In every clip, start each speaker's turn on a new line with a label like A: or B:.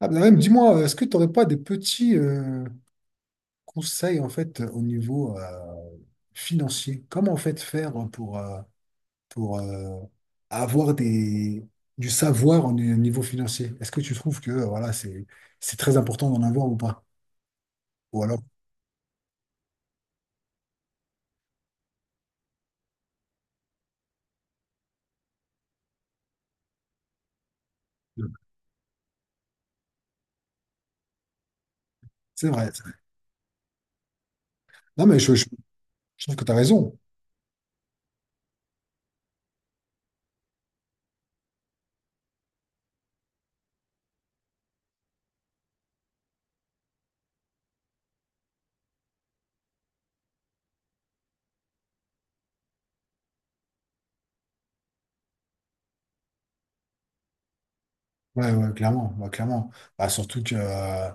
A: Ah, ben même, dis-moi, est-ce que tu n'aurais pas des petits conseils en fait au niveau financier? Comment en fait faire pour avoir des, du savoir au niveau financier? Est-ce que tu trouves que voilà, c'est très important d'en avoir ou pas? Ou alors, euh, c'est vrai. C'est vrai. Non, mais je trouve que tu as raison. Ouais, ouais, clairement, ouais, clairement. Bah, surtout que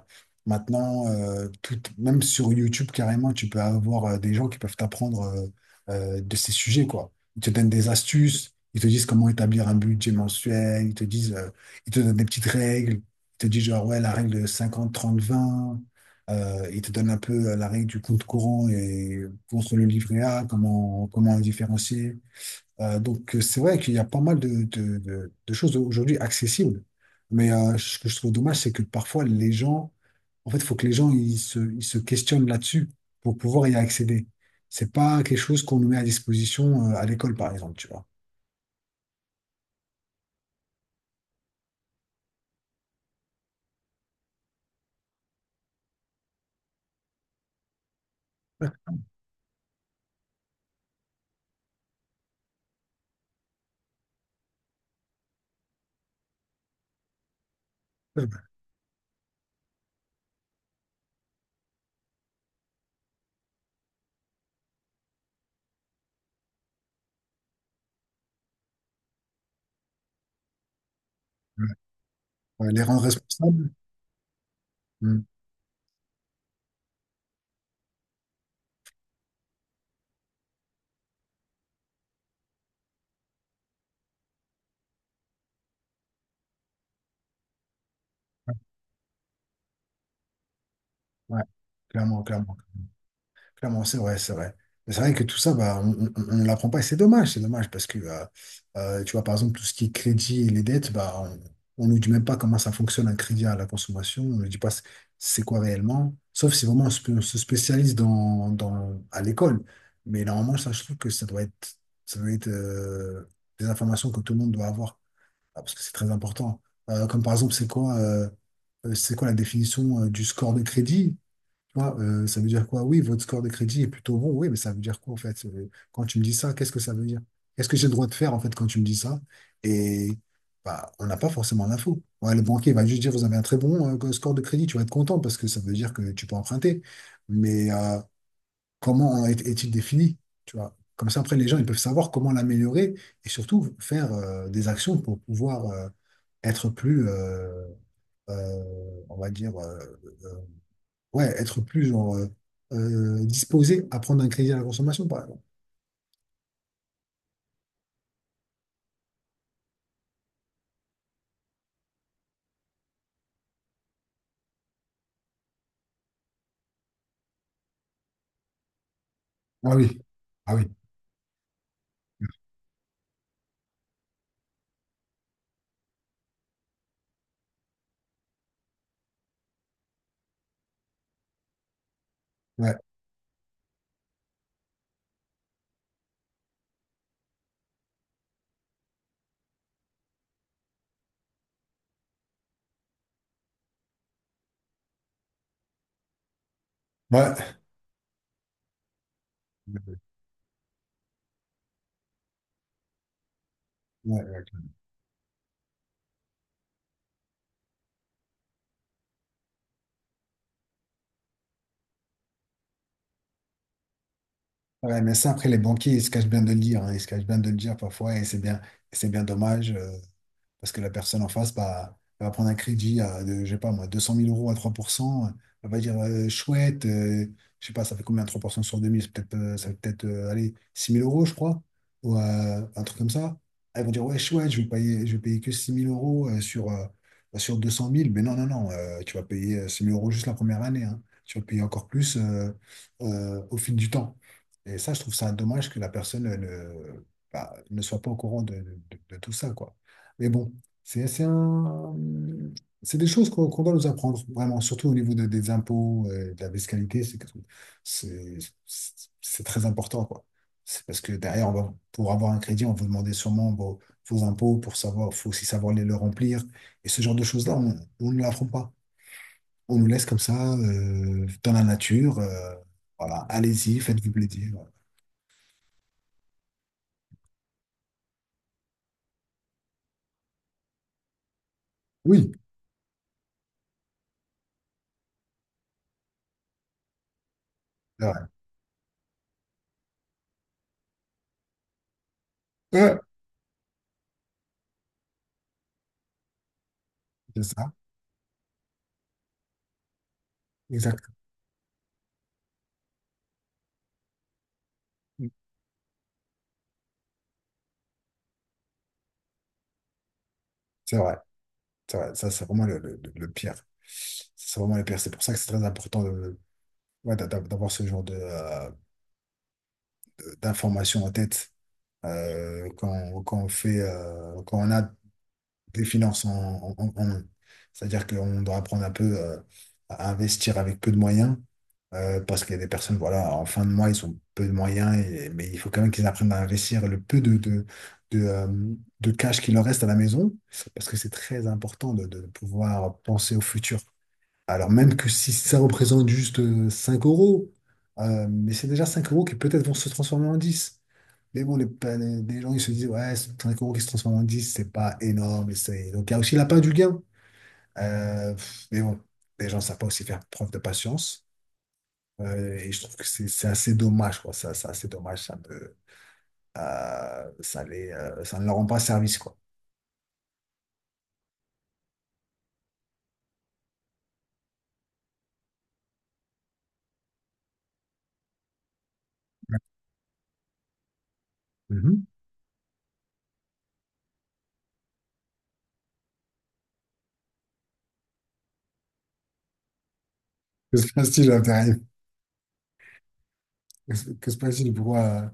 A: maintenant, tout, même sur YouTube, carrément, tu peux avoir des gens qui peuvent t'apprendre de ces sujets, quoi. Ils te donnent des astuces, ils te disent comment établir un budget mensuel, ils te disent, ils te donnent des petites règles, ils te disent genre, ouais, la règle de 50 30 20 ils te donnent un peu la règle du compte courant et contre le livret A, comment, comment le différencier. Donc, c'est vrai qu'il y a pas mal de, de choses aujourd'hui accessibles. Mais ce que je trouve dommage, c'est que parfois, les gens, en fait, il faut que les gens ils se questionnent là-dessus pour pouvoir y accéder. C'est pas quelque chose qu'on nous met à disposition à l'école, par exemple, tu vois. Ouais, ouais, ouais. Ouais, les rendre responsables. Mm. Ouais, clairement, clairement. Clairement, c'est vrai, c'est vrai. Mais c'est vrai que tout ça, bah, on ne l'apprend pas et c'est dommage parce que, tu vois, par exemple, tout ce qui est crédit et les dettes, bah, on ne nous dit même pas comment ça fonctionne un crédit à la consommation, on ne nous dit pas c'est quoi réellement, sauf si vraiment on se spécialise dans, dans, à l'école. Mais normalement, ça, je trouve que ça doit être des informations que tout le monde doit avoir, ah, parce que c'est très important. Comme par exemple, c'est quoi la définition du score de crédit? Quoi, ça veut dire quoi? Oui, votre score de crédit est plutôt bon, oui, mais ça veut dire quoi en fait? Quand tu me dis ça, qu'est-ce que ça veut dire? Qu'est-ce que j'ai le droit de faire en fait quand tu me dis ça? Et bah, on n'a pas forcément l'info. Ouais, le banquier va juste dire, vous avez un très bon score de crédit, tu vas être content parce que ça veut dire que tu peux emprunter. Mais comment est-il défini? Tu vois? Comme ça, après, les gens ils peuvent savoir comment l'améliorer et surtout faire des actions pour pouvoir être plus, on va dire, ouais, être plus genre, disposé à prendre un crédit à la consommation, par exemple. Ah oui, ah oui, ouais, ouais. Ouais, ouais, clairement. Ouais, mais ça, après, les banquiers, ils se cachent bien de le dire, hein, ils se cachent bien de le dire parfois, et c'est bien dommage. Parce que la personne en face, bah, elle va prendre un crédit à, de, je sais pas moi, deux cent mille euros à 3%. Elle va dire, chouette, je sais pas, ça fait combien 3% sur deux mille. C'est peut-être, ça fait peut-être, allez, 6 000 euros, je crois. Ou un truc comme ça. Elles vont dire, ouais, chouette, je vais payer que six mille euros sur, sur 200 000. Mais non, non, non, tu vas payer 6 000 euros juste la première année, hein. Tu vas payer encore plus au fil du temps. Et ça, je trouve ça dommage que la personne ne, bah, ne soit pas au courant de, de tout ça, quoi. Mais bon, c'est assez un- c'est des choses qu'on doit nous apprendre, vraiment, surtout au niveau des impôts, de la fiscalité, c'est c'est très important, quoi. C'est parce que derrière, on va, pour avoir un crédit, on va vous demander sûrement vos, vos impôts pour savoir, faut aussi savoir les le remplir. Et ce genre de choses-là, on ne l'apprend pas. On nous laisse comme ça, dans la nature. Voilà, allez-y, faites-vous plaisir. Oui, c'est vrai. Ouais, c'est ça, exact. C'est vrai. Ça, c'est vraiment le pire. C'est vraiment le pire. C'est pour ça que c'est très important de, ouais, d'avoir ce genre de, d'informations en tête quand, quand on fait, quand on a des finances en, en, en main. C'est-à-dire qu'on doit apprendre un peu à investir avec peu de moyens parce qu'il y a des personnes, voilà, en fin de mois, ils ont peu de moyens, mais il faut quand même qu'ils apprennent à investir le peu de, euh, de cash qui leur reste à la maison parce que c'est très important de pouvoir penser au futur. Alors même que si ça représente juste 5 euros, mais c'est déjà 5 euros qui peut-être vont se transformer en 10. Mais bon, les gens, ils se disent, ouais, c'est 5 euros qui se transforment en dix, c'est pas énorme. Donc, il y a aussi la part du gain. Mais bon, les gens ne savent pas aussi faire preuve de patience. Et je trouve que c'est assez dommage, quoi. Ça, c'est assez dommage. Ça les, ça ne leur rend pas service, quoi. Mhm. Que se passe-t-il, là, t'arrives. Que se passe-t-il? Pourquoi?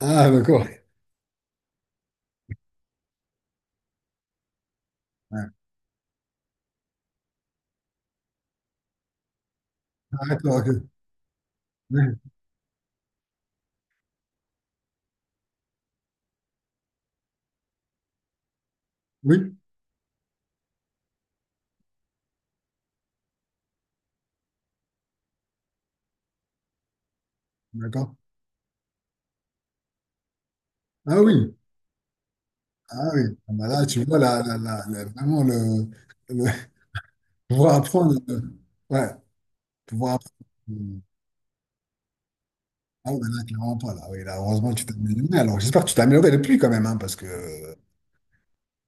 A: Ah, d'accord. Ouais. Ah, d'accord, ok. Oui, d'accord. Ah oui, ah oui. Ah bah là, tu vois, là, là, là, là, vraiment le, le- pouvoir apprendre. Ouais, pouvoir apprendre. euh, Ah oui, bah là, clairement pas. Là, oui, là, heureusement que tu t'es amélioré. Alors, j'espère que tu t'es amélioré depuis quand même, hein, parce que.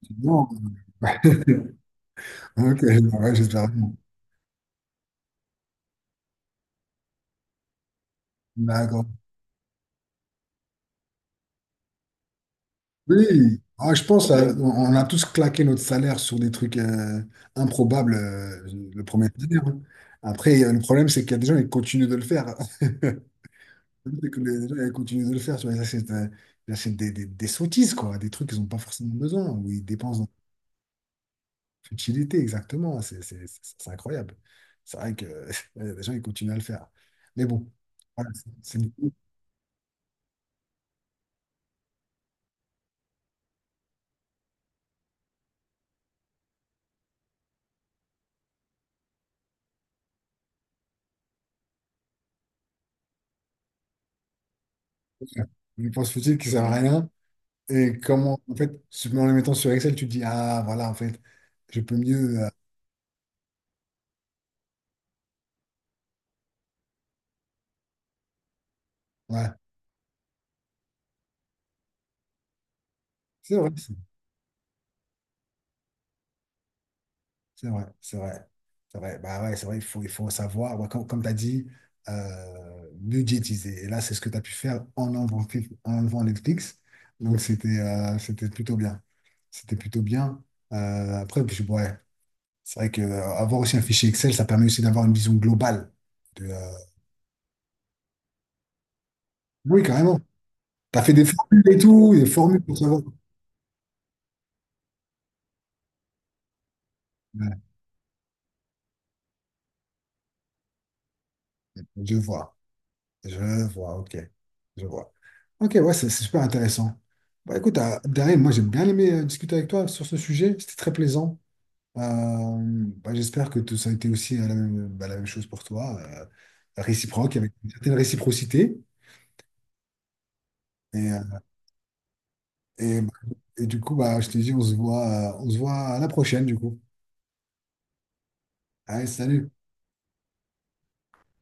A: Sinon, euh, ok, ouais, j'espère vraiment. D'accord. Oui, ah, je pense on a tous claqué notre salaire sur des trucs improbables, le premier salaire, hein. Après, le problème, c'est qu'il y a des gens qui continuent de le faire. C'est que les gens, ils continuent de le faire, tu vois, ils achètent des sottises, quoi, des trucs qu'ils n'ont pas forcément besoin, ou ils dépensent dans la futilité, exactement, c'est incroyable. C'est vrai que les gens, ils continuent à le faire. Mais bon, voilà, c'est une dépense futile qui sert à rien, et comment, en fait, en les mettant sur Excel, tu te dis, ah, voilà, en fait, je peux mieux, ouais, c'est vrai, c'est vrai, c'est vrai. C'est vrai. Bah ouais, c'est vrai, il faut savoir, ouais, comme, comme tu as dit, budgétiser. Et là, c'est ce que tu as pu faire en enlevant Netflix. Donc, c'était c'était plutôt bien. C'était plutôt bien. Après, puis, ouais, c'est vrai que avoir aussi un fichier Excel, ça permet aussi d'avoir une vision globale. De, oui, carrément. Tu as fait des formules et tout, des formules pour savoir. Ouais, je vois, je vois, ok. Je vois. Ok, ouais, c'est super intéressant. Bah, écoute, Daryl, moi j'ai bien aimé discuter avec toi sur ce sujet, c'était très plaisant. Euh, Bah, j'espère que tout ça a été aussi la même, bah, la même chose pour toi, réciproque, avec une certaine réciprocité. Et, euh, et, et du coup, bah, je te dis, on se voit à la prochaine, du coup. Allez, salut!